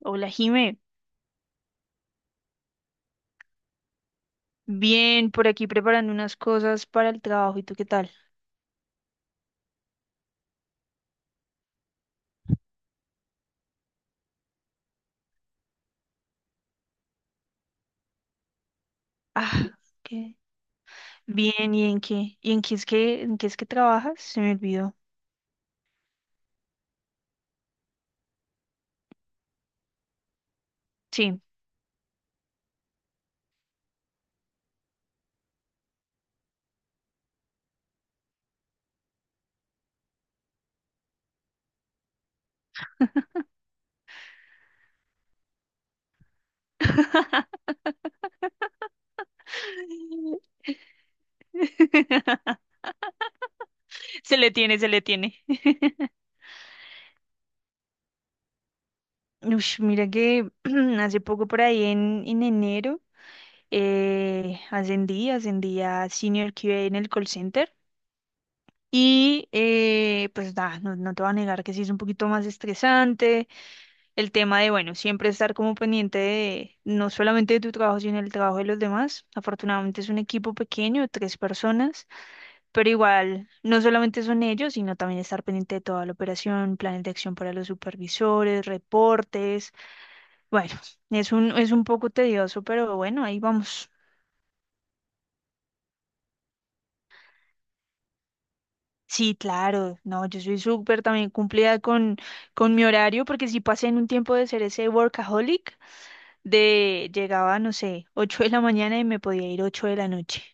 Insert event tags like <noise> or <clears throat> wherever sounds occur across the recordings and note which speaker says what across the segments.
Speaker 1: Hola, Jime. Bien, por aquí preparando unas cosas para el trabajo. ¿Y tú qué tal? Ah, qué bien. ¿Y en qué? ¿Y en qué es que en qué es que trabajas? Se me olvidó. Sí. <laughs> Se le tiene, se le tiene. Ush, mira que <clears throat> hace poco por ahí en enero ascendí a Senior QA en el call center. Y pues nada, no te voy a negar que sí es un poquito más estresante, el tema de, bueno, siempre estar como pendiente de, no solamente de tu trabajo, sino del trabajo de los demás. Afortunadamente es un equipo pequeño, 3 personas, pero igual no solamente son ellos, sino también estar pendiente de toda la operación, planes de acción para los supervisores, reportes. Bueno, es un poco tedioso, pero bueno, ahí vamos. Sí, claro, no, yo soy súper también cumplida con mi horario, porque sí pasé en un tiempo de ser ese workaholic, de llegaba, no sé, 8 de la mañana y me podía ir 8 de la noche,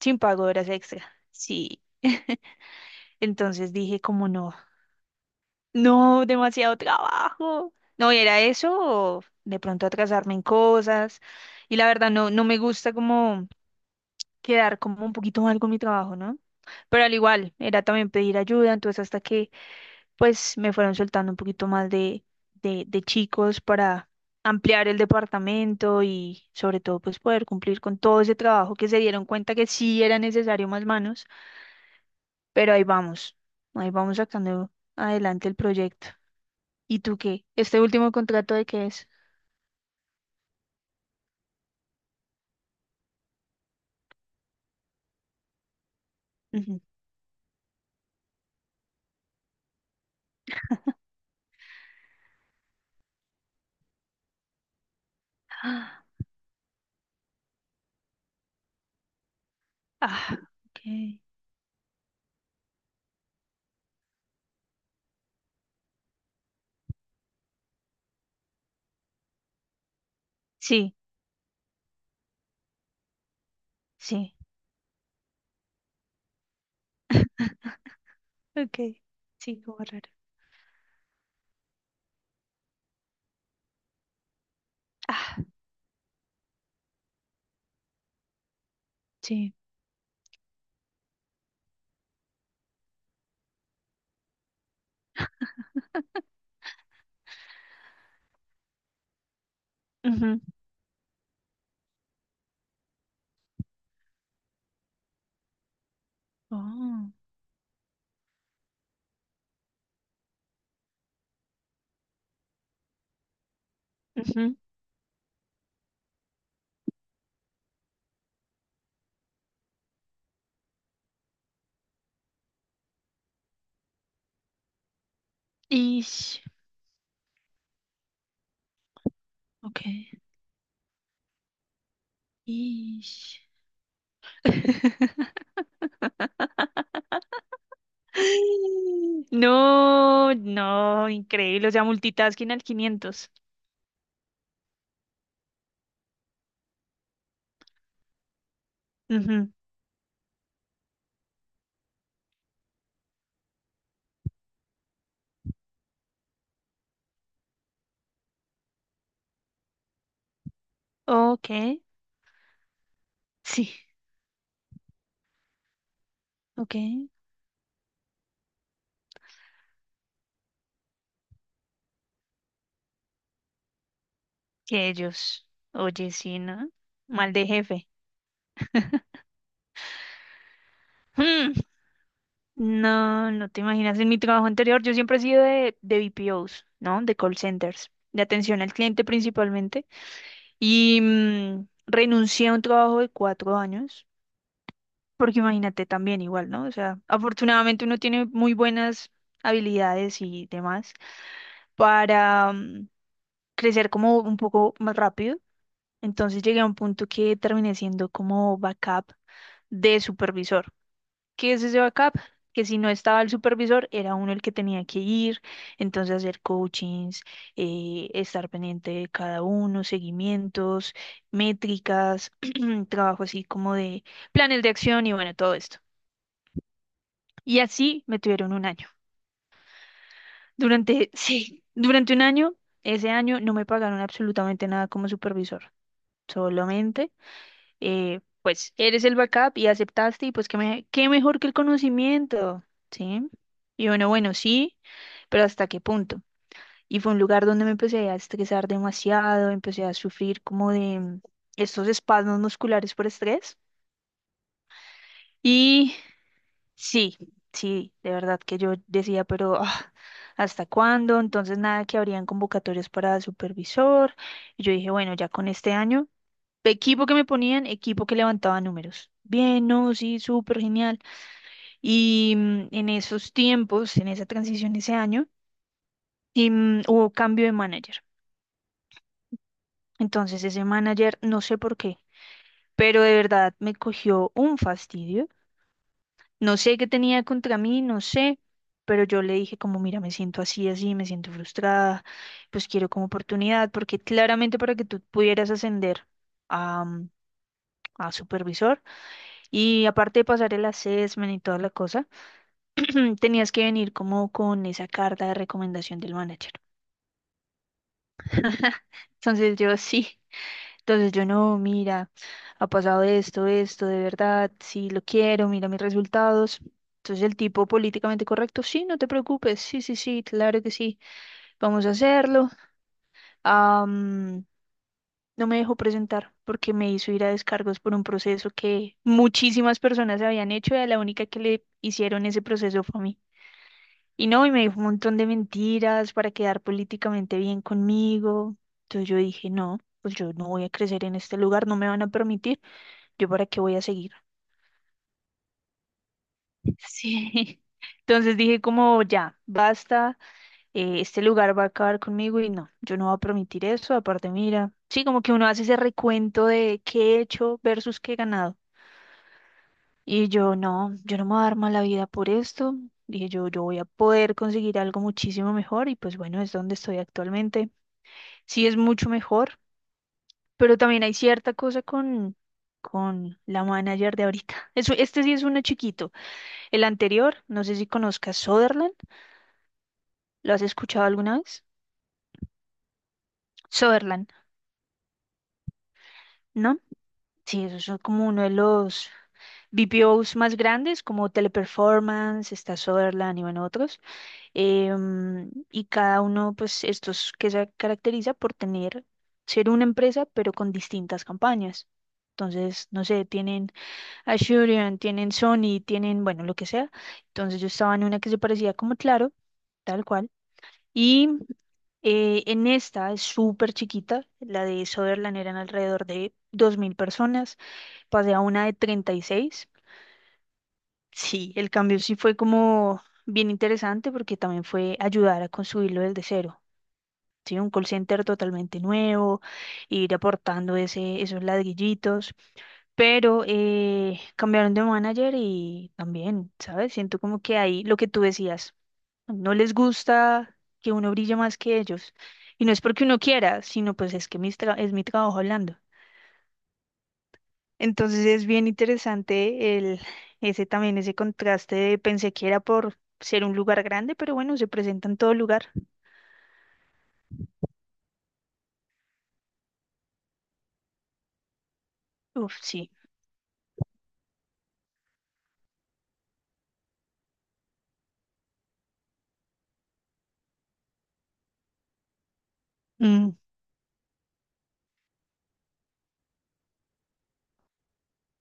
Speaker 1: sin pago de horas extra. Sí. <laughs> Entonces dije como no, no, demasiado trabajo. No, y era eso, o de pronto atrasarme en cosas. Y la verdad no, no me gusta como quedar como un poquito mal con mi trabajo, ¿no? Pero al igual, era también pedir ayuda, entonces hasta que pues me fueron soltando un poquito más de chicos para ampliar el departamento y sobre todo pues poder cumplir con todo ese trabajo que se dieron cuenta que sí era necesario más manos, pero ahí vamos sacando adelante el proyecto. ¿Y tú qué? ¿Este último contrato de qué es? Ujú. <gasps> Ah, ah, ok. Sí, sí. <laughs> Ok. Sí, como raro. Ah, sí. <laughs> Ujú. Oh. Ujú. Ish. Ok. Ish. <laughs> No, no, increíble. O sea, multitasking al quinientos. Ujú. Ok, sí, ok. Que ellos. Oye, sí, ¿no? Mal de jefe. Mm, No, no te imaginas. En mi trabajo anterior, yo siempre he sido de BPOs, ¿no? De call centers, de atención al cliente principalmente. Y renuncié a un trabajo de 4 años. Porque imagínate también igual, ¿no? O sea, afortunadamente uno tiene muy buenas habilidades y demás para crecer como un poco más rápido. Entonces llegué a un punto que terminé siendo como backup de supervisor. ¿Qué es ese backup? Que si no estaba el supervisor, era uno el que tenía que ir, entonces hacer coachings, estar pendiente de cada uno, seguimientos, métricas, <clears throat> trabajo así como de planes de acción y bueno, todo esto. Y así me tuvieron 1 año. Durante, sí, durante 1 año, ese año no me pagaron absolutamente nada como supervisor. Solamente, pues, eres el backup y aceptaste y pues qué, me- qué mejor que el conocimiento, ¿sí? Y bueno, bueno, sí, pero ¿hasta qué punto? Y fue un lugar donde me empecé a estresar demasiado, empecé a sufrir como de estos espasmos musculares por estrés. Y sí, sí, de verdad que yo decía, pero ah, ¿hasta cuándo? Entonces nada, que habrían convocatorias para supervisor. Y yo dije, bueno, ya con este año, equipo que me ponían, equipo que levantaba números. Bien, no, sí, súper genial. Y en esos tiempos, en esa transición ese año, y, hubo cambio de manager. Entonces ese manager, no sé por qué, pero de verdad me cogió un fastidio. No sé qué tenía contra mí, no sé, pero yo le dije como, mira, me siento así, así, me siento frustrada, pues quiero como oportunidad, porque claramente para que tú pudieras ascender a, a supervisor y aparte de pasar el assessment y toda la cosa, <clears throat> tenías que venir como con esa carta de recomendación del manager. <laughs> Entonces yo sí. Entonces yo no, mira, ha pasado esto, esto, de verdad, sí lo quiero, mira mis resultados. Entonces el tipo políticamente correcto, sí, no te preocupes, sí, sí, sí, claro que sí, vamos a hacerlo. Am, no me dejó presentar porque me hizo ir a descargos por un proceso que muchísimas personas habían hecho y a la única que le hicieron ese proceso fue a mí. Y no, y me dijo un montón de mentiras para quedar políticamente bien conmigo. Entonces yo dije, no, pues yo no voy a crecer en este lugar, no me van a permitir. ¿Yo para qué voy a seguir? Sí. <laughs> Entonces dije como ya, basta, este lugar va a acabar conmigo y no, yo no voy a permitir eso, aparte mira, sí, como que uno hace ese recuento de qué he hecho versus qué he ganado. Y yo no, yo no me voy a dar mala vida por esto, dije yo, yo voy a poder conseguir algo muchísimo mejor y pues bueno, es donde estoy actualmente. Sí es mucho mejor, pero también hay cierta cosa con la manager de ahorita. Eso, este sí es uno chiquito. El anterior, no sé si conozcas Sutherland, ¿lo has escuchado alguna vez? Sutherland, ¿no? Sí, esos son como uno de los BPOs más grandes, como Teleperformance, está Sutherland y bueno, otros. Y cada uno, pues, estos que se caracteriza por tener, ser una empresa, pero con distintas campañas. Entonces, no sé, tienen Asurion, tienen Sony, tienen, bueno, lo que sea. Entonces yo estaba en una que se parecía como Claro, tal cual. Y en esta es súper chiquita, la de Sutherland eran alrededor de 2.000 personas, pasé a una de 36. Sí, el cambio sí fue como bien interesante porque también fue ayudar a construirlo desde cero. Sí, un call center totalmente nuevo, ir aportando ese, esos ladrillitos, pero cambiaron de manager y también, ¿sabes? Siento como que ahí lo que tú decías. No les gusta que uno brille más que ellos. Y no es porque uno quiera, sino pues es que mis tra- es mi trabajo hablando. Entonces es bien interesante el, ese también, ese contraste de pensé que era por ser un lugar grande, pero bueno, se presenta en todo lugar. Uf, sí. Mm,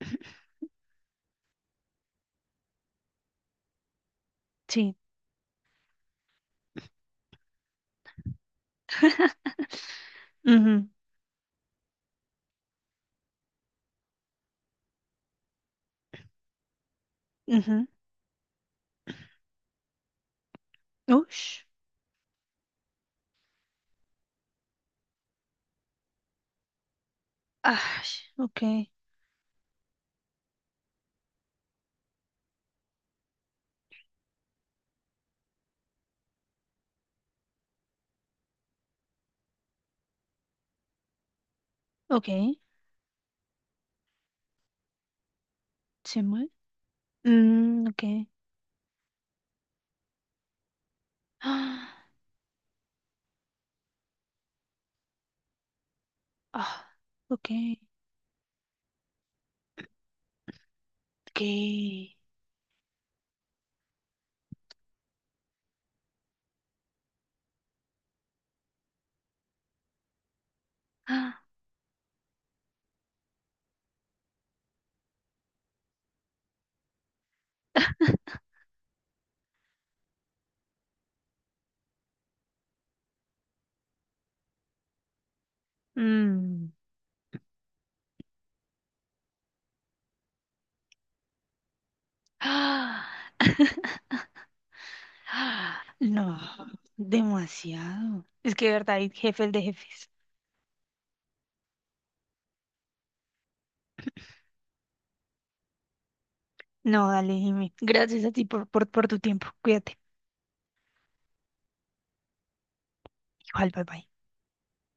Speaker 1: <clears throat> sí. <laughs> Ujú, ujú. Ush. Ah, ok, ok. Se mueve. Mm, ok. <gasps> Ah, ah, ok. Ok. <gasps> Ah. <laughs> Mm. <gasps> ¡Ah! <laughs> No, demasiado. Es que de verdad hay jefes de jefes. No, dale, dime. Gracias a ti por tu tiempo. Cuídate. Igual, bye bye.